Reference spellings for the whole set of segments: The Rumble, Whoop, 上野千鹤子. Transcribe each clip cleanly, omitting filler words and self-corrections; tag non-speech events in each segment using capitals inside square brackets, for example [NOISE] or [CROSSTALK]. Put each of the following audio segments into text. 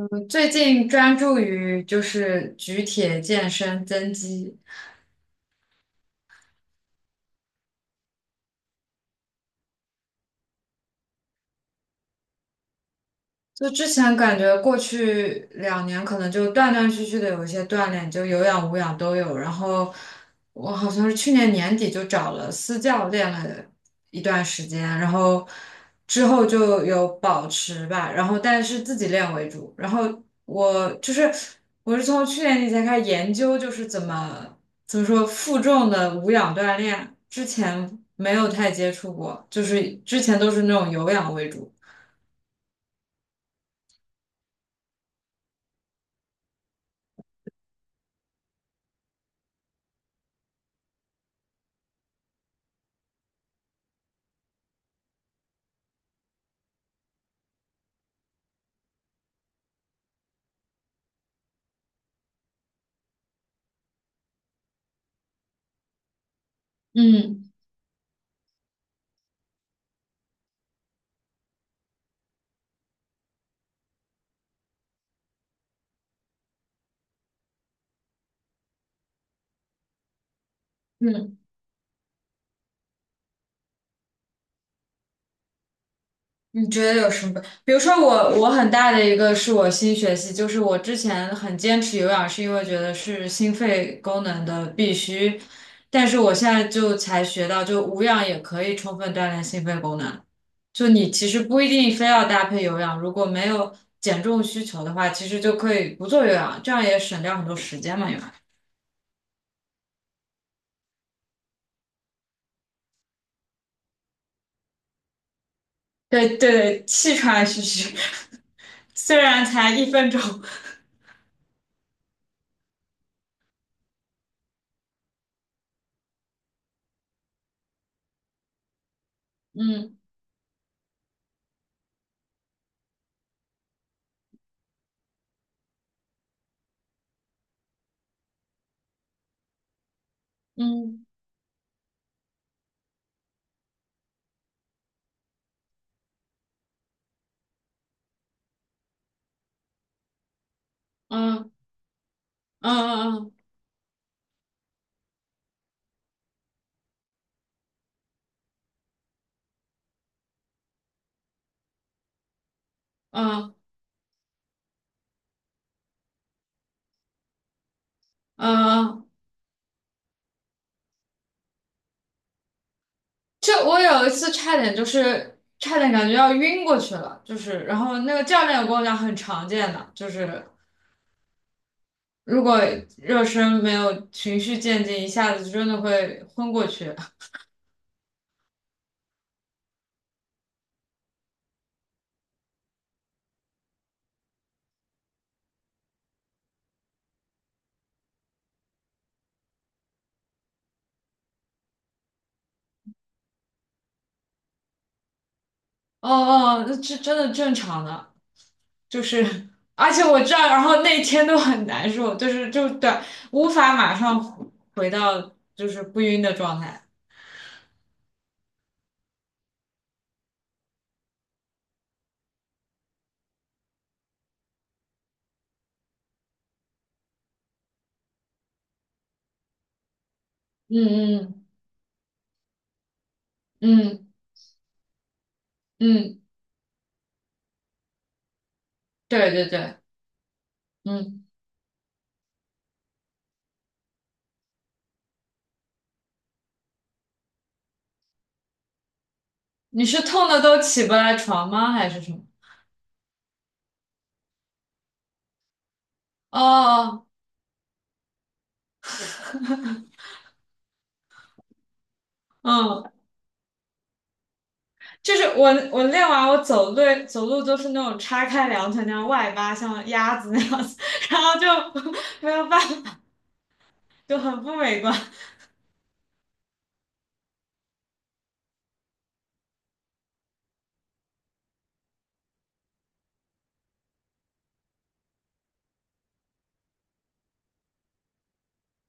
我最近专注于就是举铁健身增肌。就之前感觉过去2年可能就断断续续的有一些锻炼，就有氧无氧都有。然后我好像是去年年底就找了私教练了一段时间，然后之后就有保持吧，然后但是自己练为主。然后我就是我是从去年底才开始研究，就是怎么说负重的无氧锻炼，之前没有太接触过，就是之前都是那种有氧为主。嗯嗯。你觉得有什么？比如说我很大的一个是我新学习，就是我之前很坚持有氧，是因为觉得是心肺功能的必须，但是我现在就才学到，就无氧也可以充分锻炼心肺功能。就你其实不一定非要搭配有氧，如果没有减重需求的话，其实就可以不做有氧，这样也省掉很多时间嘛，因为对对对，气喘吁吁，[LAUGHS] 虽然才1分钟。嗯嗯嗯嗯嗯嗯。嗯嗯嗯嗯。就我有一次差点感觉要晕过去了，就是然后那个教练有跟我讲很常见的，就是如果热身没有循序渐进，一下子真的会昏过去。[LAUGHS] 哦哦，那这真的正常的，就是而且我这道，然后那天都很难受，就是就对，无法马上回到就是不晕的状态。嗯嗯嗯嗯。对对对。嗯。你是痛的都起不来床吗？还是什么？哦哦。嗯，就是我练完我走路走路都是那种叉开两腿那样外八，像鸭子那样子，[LAUGHS] 然后就 [LAUGHS] 没有办法，就很不美观。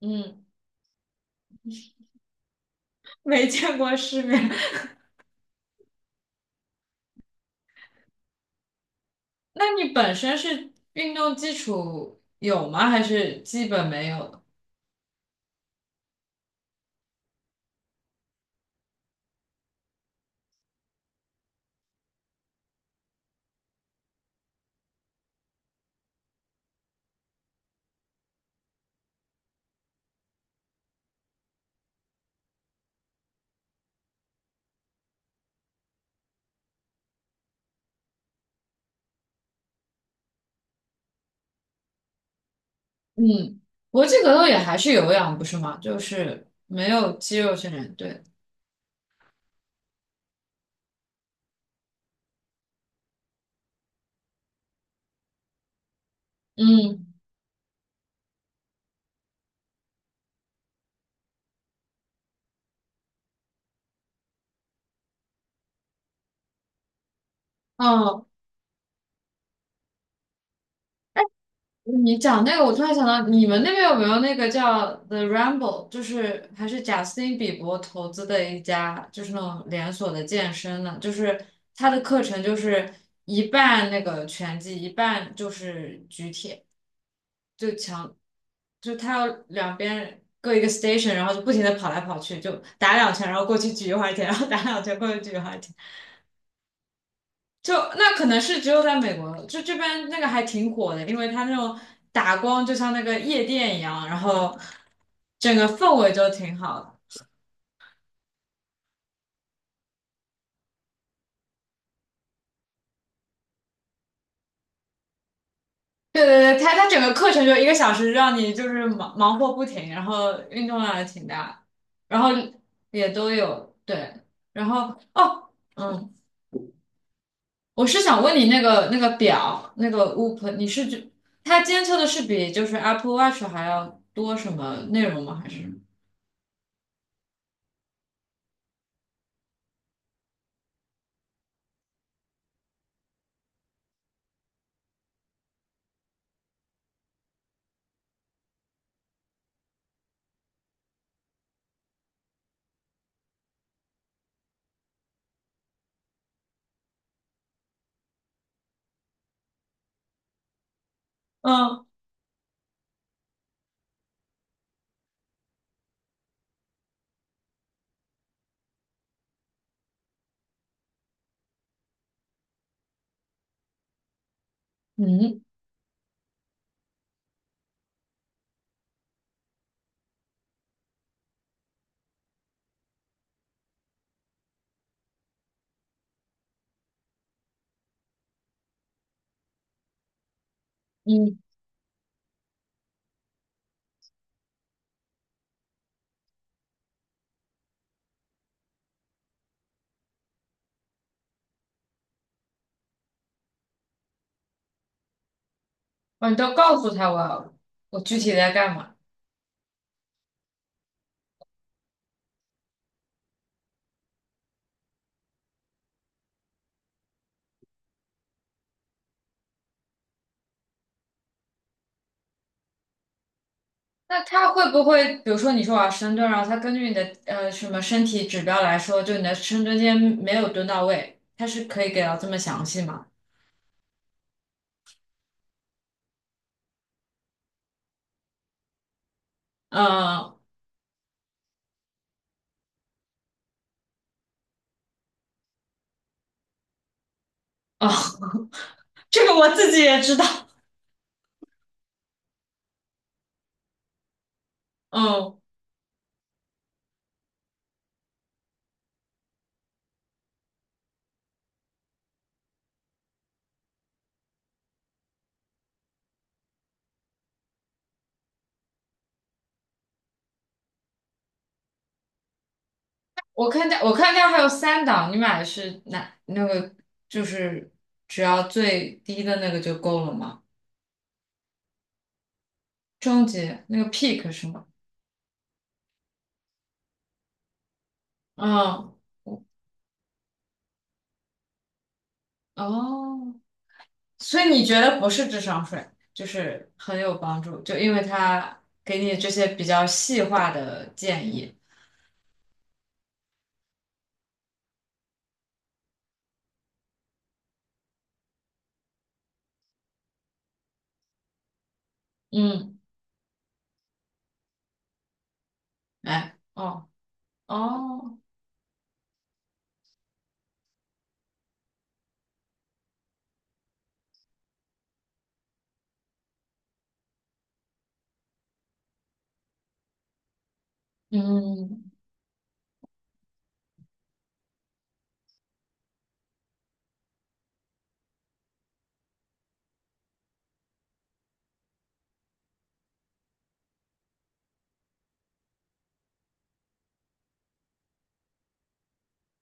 嗯。没见过世面。[LAUGHS] 那你本身是运动基础有吗？还是基本没有的。嗯。搏击格斗也还是有氧，不是吗？就是没有肌肉训练，对。嗯。嗯。你讲那个，我突然想到，你们那边有没有那个叫 Rumble 就是还是贾斯汀比伯投资的一家，就是那种连锁的健身呢？就是他的课程就是一半那个拳击，一半就是举铁，就强，就他要两边各一个 station，然后就不停的跑来跑去，就打两拳，然后过去举一会儿铁，然后打两拳过去举一会儿铁。就那可能是只有在美国，就这边那个还挺火的，因为它那种打光就像那个夜店一样，然后整个氛围就挺好的。对对对，它整个课程就1个小时，让你就是忙忙活不停，然后运动量也挺大，然后也都有对，然后哦。嗯，我是想问你那个表那个 Whoop，你是就它监测的是比就是 Apple Watch 还要多什么内容吗？还是嗯。嗯。嗯。哦，你都告诉他我要我具体在干嘛？那他会不会，比如说你说我要深蹲，然后他根据你的什么身体指标来说，就你的深蹲今天没有蹲到位，他是可以给到这么详细吗？嗯。哦。[LAUGHS] 这个我自己也知道。嗯，我看见还有三档，你买的是哪那个？就是只要最低的那个就够了吗？终极那个 peak 是吗？嗯。哦，所以你觉得不是智商税，就是很有帮助，就因为它给你这些比较细化的建议。嗯。哎。哦哦。嗯。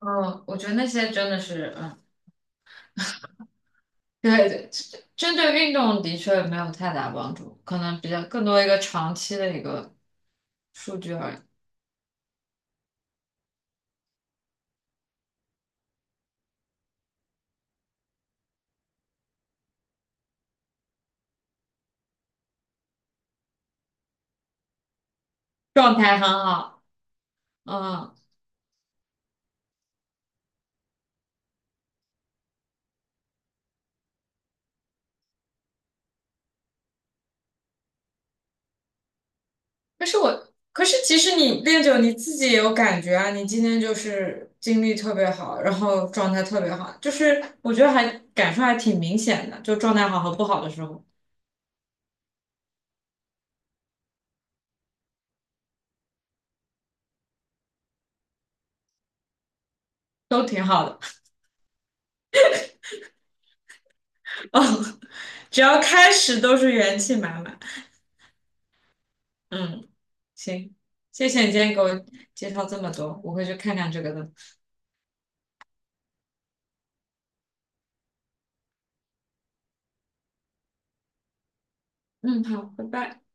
哦，我觉得那些真的是，嗯，对对，针对运动的确没有太大帮助，可能比较更多一个长期的一个数据而已，状态很好。嗯。可是其实你练久你自己也有感觉啊，你今天就是精力特别好，然后状态特别好，就是我觉得还感受还挺明显的，就状态好和不好的时候都挺好的。[LAUGHS] 哦。只要开始都是元气满满。嗯。行，谢谢你今天给我介绍这么多，我会去看看这个的。嗯，好，拜拜。